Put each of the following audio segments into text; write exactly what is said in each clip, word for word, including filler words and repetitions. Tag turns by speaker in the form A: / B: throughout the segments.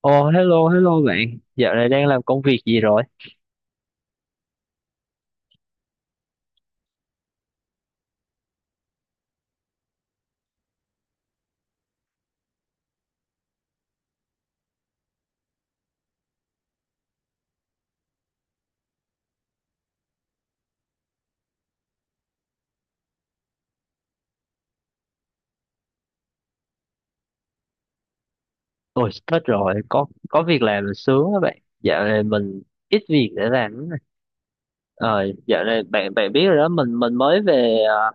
A: Ồ, hello, hello bạn. Dạo này đang làm công việc gì rồi? Ôi, hết rồi, có có việc làm là sướng á bạn. Dạo này mình ít việc để làm lắm nè. Ờ, dạo này bạn bạn biết rồi đó, mình mình mới về ờ,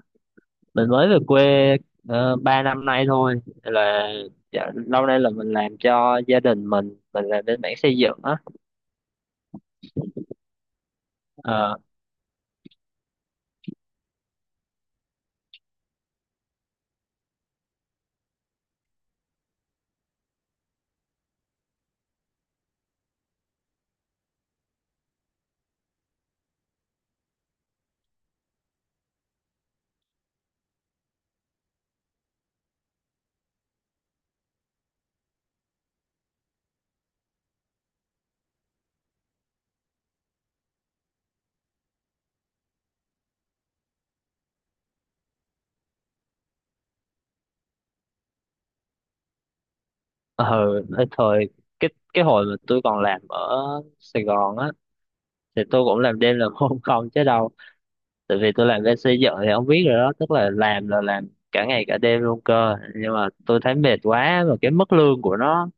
A: mình mới về quê uh, ba năm nay thôi. Là dạo, lâu nay là mình làm cho gia đình mình, mình làm bên mảng xây dựng á. Ờ, ờ, ờ, Thời cái cái hồi mà tôi còn làm ở Sài Gòn á thì tôi cũng làm đêm làm hôm không chứ đâu, tại vì tôi làm bên xây dựng thì ông biết rồi đó, tức là làm là làm cả ngày cả đêm luôn cơ, nhưng mà tôi thấy mệt quá và cái mức lương của nó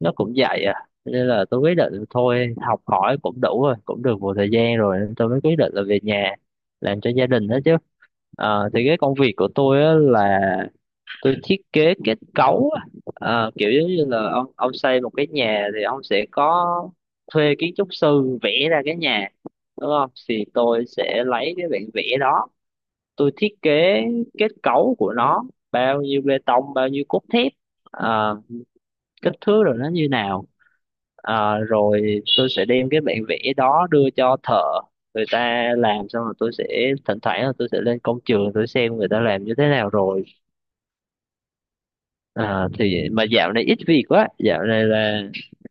A: nó cũng vậy à, nên là tôi quyết định thôi, học hỏi cũng đủ rồi, cũng được một thời gian rồi nên tôi mới quyết định là về nhà làm cho gia đình đó chứ. Ờ, thì cái công việc của tôi á là tôi thiết kế kết cấu á. Ờ, kiểu giống như là ông ông xây một cái nhà thì ông sẽ có thuê kiến trúc sư vẽ ra cái nhà đúng không, thì tôi sẽ lấy cái bản vẽ đó, tôi thiết kế kết cấu của nó, bao nhiêu bê tông bao nhiêu cốt thép, ờ, kích thước rồi nó như nào. Ờ, rồi tôi sẽ đem cái bản vẽ đó đưa cho thợ, người ta làm xong rồi tôi sẽ thỉnh thoảng là tôi sẽ lên công trường tôi xem người ta làm như thế nào rồi. Ờ, thì mà dạo này ít việc quá, dạo này là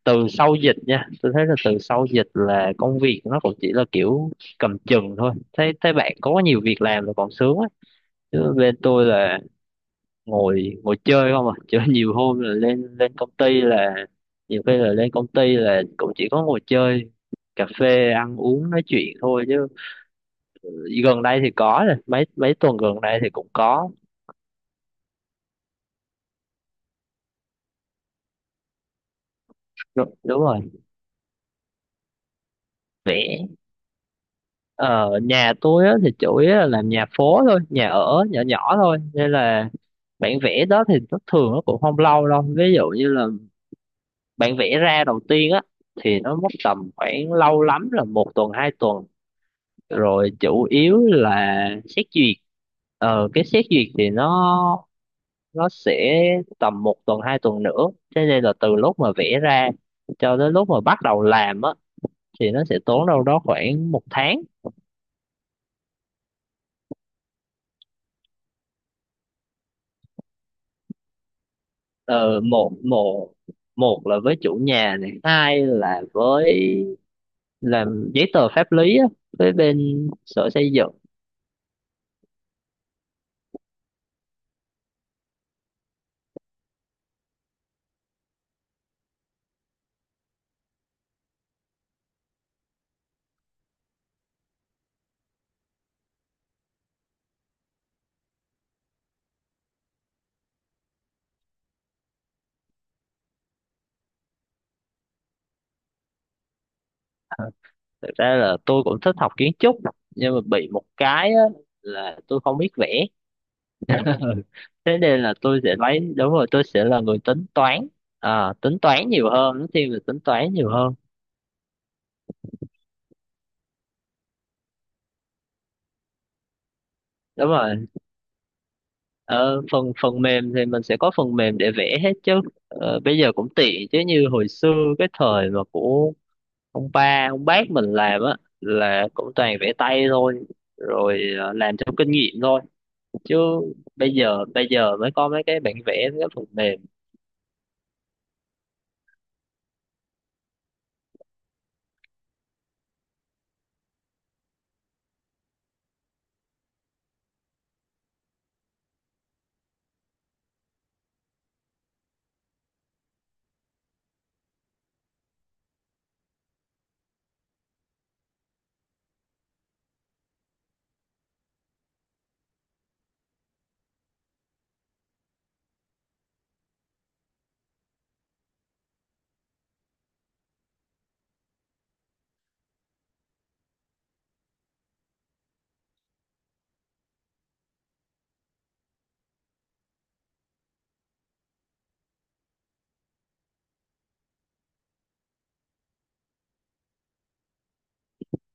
A: từ sau dịch nha, tôi thấy là từ sau dịch là công việc nó cũng chỉ là kiểu cầm chừng thôi, thấy thấy bạn có nhiều việc làm là còn sướng á, chứ bên tôi là ngồi ngồi chơi không à, chứ nhiều hôm là lên lên công ty là nhiều khi là lên công ty là cũng chỉ có ngồi chơi, cà phê ăn uống nói chuyện thôi, chứ gần đây thì có rồi, mấy mấy tuần gần đây thì cũng có. Đúng, đúng rồi. Vẽ ở nhà tôi á, thì chủ yếu là làm nhà phố thôi, nhà ở nhỏ nhỏ thôi nên là bản vẽ đó thì nó thường nó cũng không lâu đâu, ví dụ như là bản vẽ ra đầu tiên á thì nó mất tầm khoảng lâu lắm là một tuần hai tuần, rồi chủ yếu là xét duyệt, ờ cái xét duyệt thì nó nó sẽ tầm một tuần hai tuần nữa, thế nên là từ lúc mà vẽ ra cho đến lúc mà bắt đầu làm á thì nó sẽ tốn đâu đó khoảng một tháng. Ờ, một một một là với chủ nhà, này hai là với làm giấy tờ pháp lý á với bên sở xây dựng. Ờ, thực ra là tôi cũng thích học kiến trúc, nhưng mà bị một cái á là tôi không biết vẽ. Thế nên là tôi sẽ lấy, đúng rồi, tôi sẽ là người tính toán. À, tính toán nhiều hơn, nó thiên về tính toán nhiều hơn. Đúng rồi, ờ, phần phần mềm thì mình sẽ có phần mềm để vẽ hết chứ. Ờ, bây giờ cũng tiện chứ như hồi xưa cái thời mà của ông ba ông bác mình làm á là cũng toàn vẽ tay thôi, rồi ờ, làm theo kinh nghiệm thôi chứ bây giờ, bây giờ mới có mấy cái bản vẽ mấy cái phần mềm.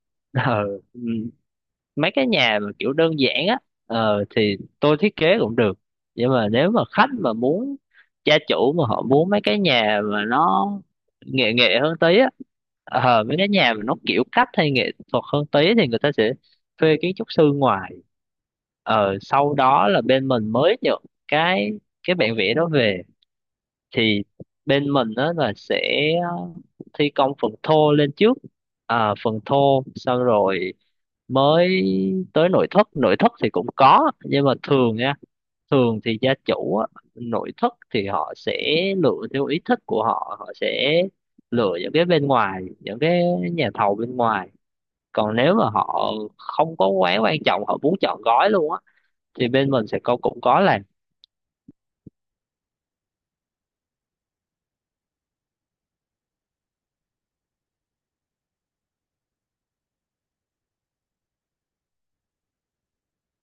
A: Ờ, ừ. Mấy cái nhà mà kiểu đơn giản á, ờ, thì tôi thiết kế cũng được, nhưng mà nếu mà khách mà muốn, gia chủ mà họ muốn mấy cái nhà mà nó nghệ nghệ hơn tí á, ờ, mấy cái nhà mà nó kiểu cách hay nghệ thuật hơn tí thì người ta sẽ thuê kiến trúc sư ngoài, ờ, sau đó là bên mình mới nhận cái cái bản vẽ đó về. Thì bên mình đó là sẽ ờ, thi công phần thô lên trước, à, phần thô xong rồi mới tới nội thất. Nội thất thì cũng có nhưng mà thường nha, thường thì gia chủ á, nội thất thì họ sẽ lựa theo ý thích của họ, họ sẽ lựa những cái bên ngoài, những cái nhà thầu bên ngoài. Còn nếu mà họ không có quá quan trọng, họ muốn chọn gói luôn á thì bên mình sẽ có, cũng có làm.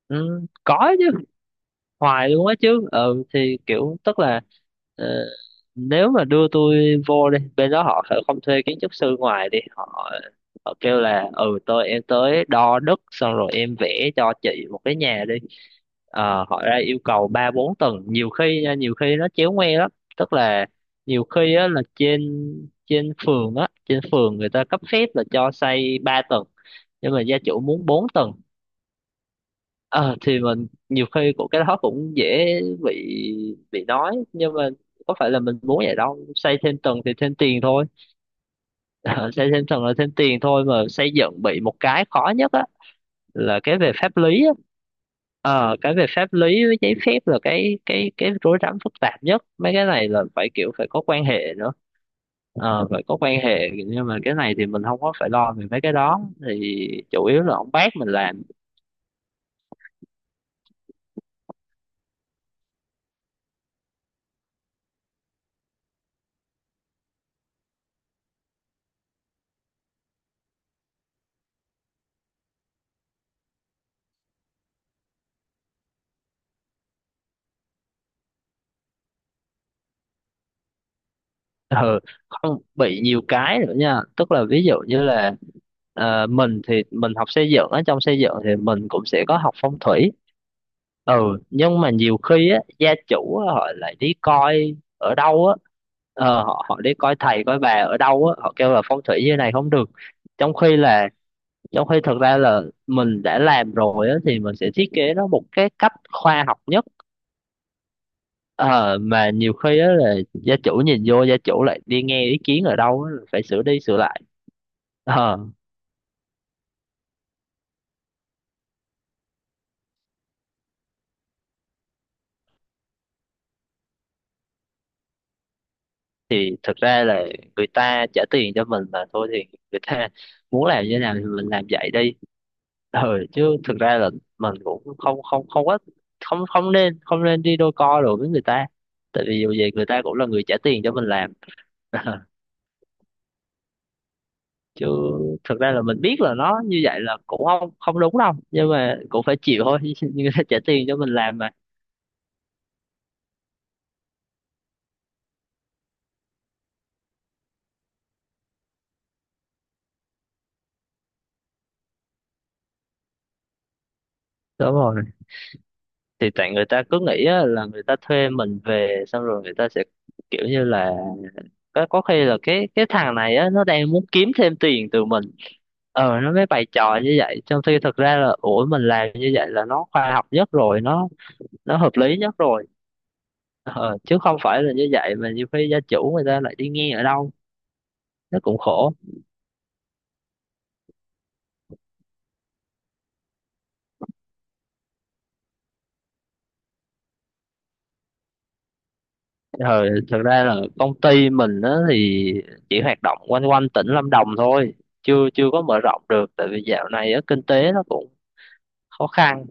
A: Ừ, có chứ, hoài luôn á chứ. Ừ thì kiểu tức là ờ, nếu mà đưa tôi vô đi, bên đó họ sẽ không thuê kiến trúc sư ngoài đi, họ họ kêu là ừ tôi, em tới đo đất xong rồi em vẽ cho chị một cái nhà đi. Ờ, họ ra yêu cầu ba bốn tầng nhiều khi nha, nhiều khi nó chéo ngoe lắm, tức là nhiều khi á là trên, trên phường á trên phường người ta cấp phép là cho xây ba tầng, nhưng mà gia chủ muốn bốn tầng. Ờ, thì mình nhiều khi cũng cái đó cũng dễ bị, bị nói nhưng mà có phải là mình muốn vậy đâu, xây thêm tầng thì thêm tiền thôi. Ờ, xây thêm tầng là thêm tiền thôi, mà xây dựng bị một cái khó nhất á là cái về pháp lý á. Ờ, cái về pháp lý với giấy phép là cái cái cái rối rắm phức tạp nhất, mấy cái này là phải kiểu phải có quan hệ nữa. Ờ, phải có quan hệ, nhưng mà cái này thì mình không có phải lo về mấy cái đó, thì chủ yếu là ông bác mình làm. Ừ, không bị nhiều cái nữa nha, tức là ví dụ như là ờ, mình thì mình học xây dựng á, trong xây dựng thì mình cũng sẽ có học phong thủy. Ừ, nhưng mà nhiều khi á gia chủ á, họ lại đi coi ở đâu á, ờ, họ họ đi coi thầy coi bà ở đâu á, họ kêu là phong thủy như này không được, trong khi là, trong khi thực ra là mình đã làm rồi á thì mình sẽ thiết kế nó một cái cách khoa học nhất. Ờ, mà nhiều khi á là gia chủ nhìn vô, gia chủ lại đi nghe ý kiến ở đâu á, phải sửa đi sửa lại. Ờ, thì thực ra là người ta trả tiền cho mình mà thôi, thì người ta muốn làm như thế nào thì mình làm vậy đi. Ờ, chứ thực ra là mình cũng không không không có, không không nên, không nên đi đôi co rồi với người ta, tại vì dù gì người ta cũng là người trả tiền cho mình làm. Chứ thực ra là mình biết là nó như vậy là cũng không không đúng đâu, nhưng mà cũng phải chịu thôi. Người ta trả tiền cho mình làm mà. Đúng rồi, thì tại người ta cứ nghĩ á là người ta thuê mình về xong rồi người ta sẽ kiểu như là, có, có khi là cái cái thằng này á nó đang muốn kiếm thêm tiền từ mình, ờ nó mới bày trò như vậy, trong khi thực ra là ủa mình làm như vậy là nó khoa học nhất rồi, nó nó hợp lý nhất rồi. Ờ, chứ không phải là như vậy, mà nhiều khi gia chủ người ta lại đi nghe ở đâu, nó cũng khổ. Ờ, thực ra là công ty mình á thì chỉ hoạt động quanh quanh tỉnh Lâm Đồng thôi, chưa chưa có mở rộng được, tại vì dạo này á kinh tế nó cũng khó khăn,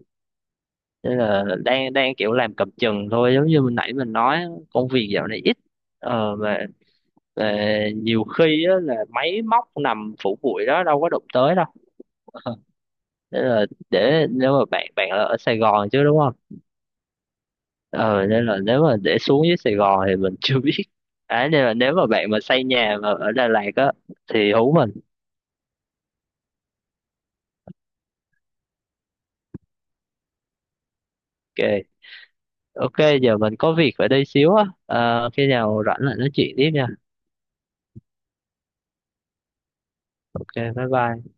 A: nên là đang đang kiểu làm cầm chừng thôi, giống như mình nãy mình nói, công việc dạo này ít. Ờ, mà, mà nhiều khi á, là máy móc nằm phủ bụi đó đâu có đụng tới đâu. Ờ, nên là để nếu mà bạn bạn là ở Sài Gòn chứ đúng không? Ờ nên là nếu mà để xuống dưới Sài Gòn thì mình chưa biết. À nên là nếu mà bạn mà xây nhà mà ở Đà Lạt á thì hú mình. Ok. Ok giờ mình có việc phải đi xíu á. Ờ, khi nào rảnh lại nói chuyện tiếp nha. Ok bye bye.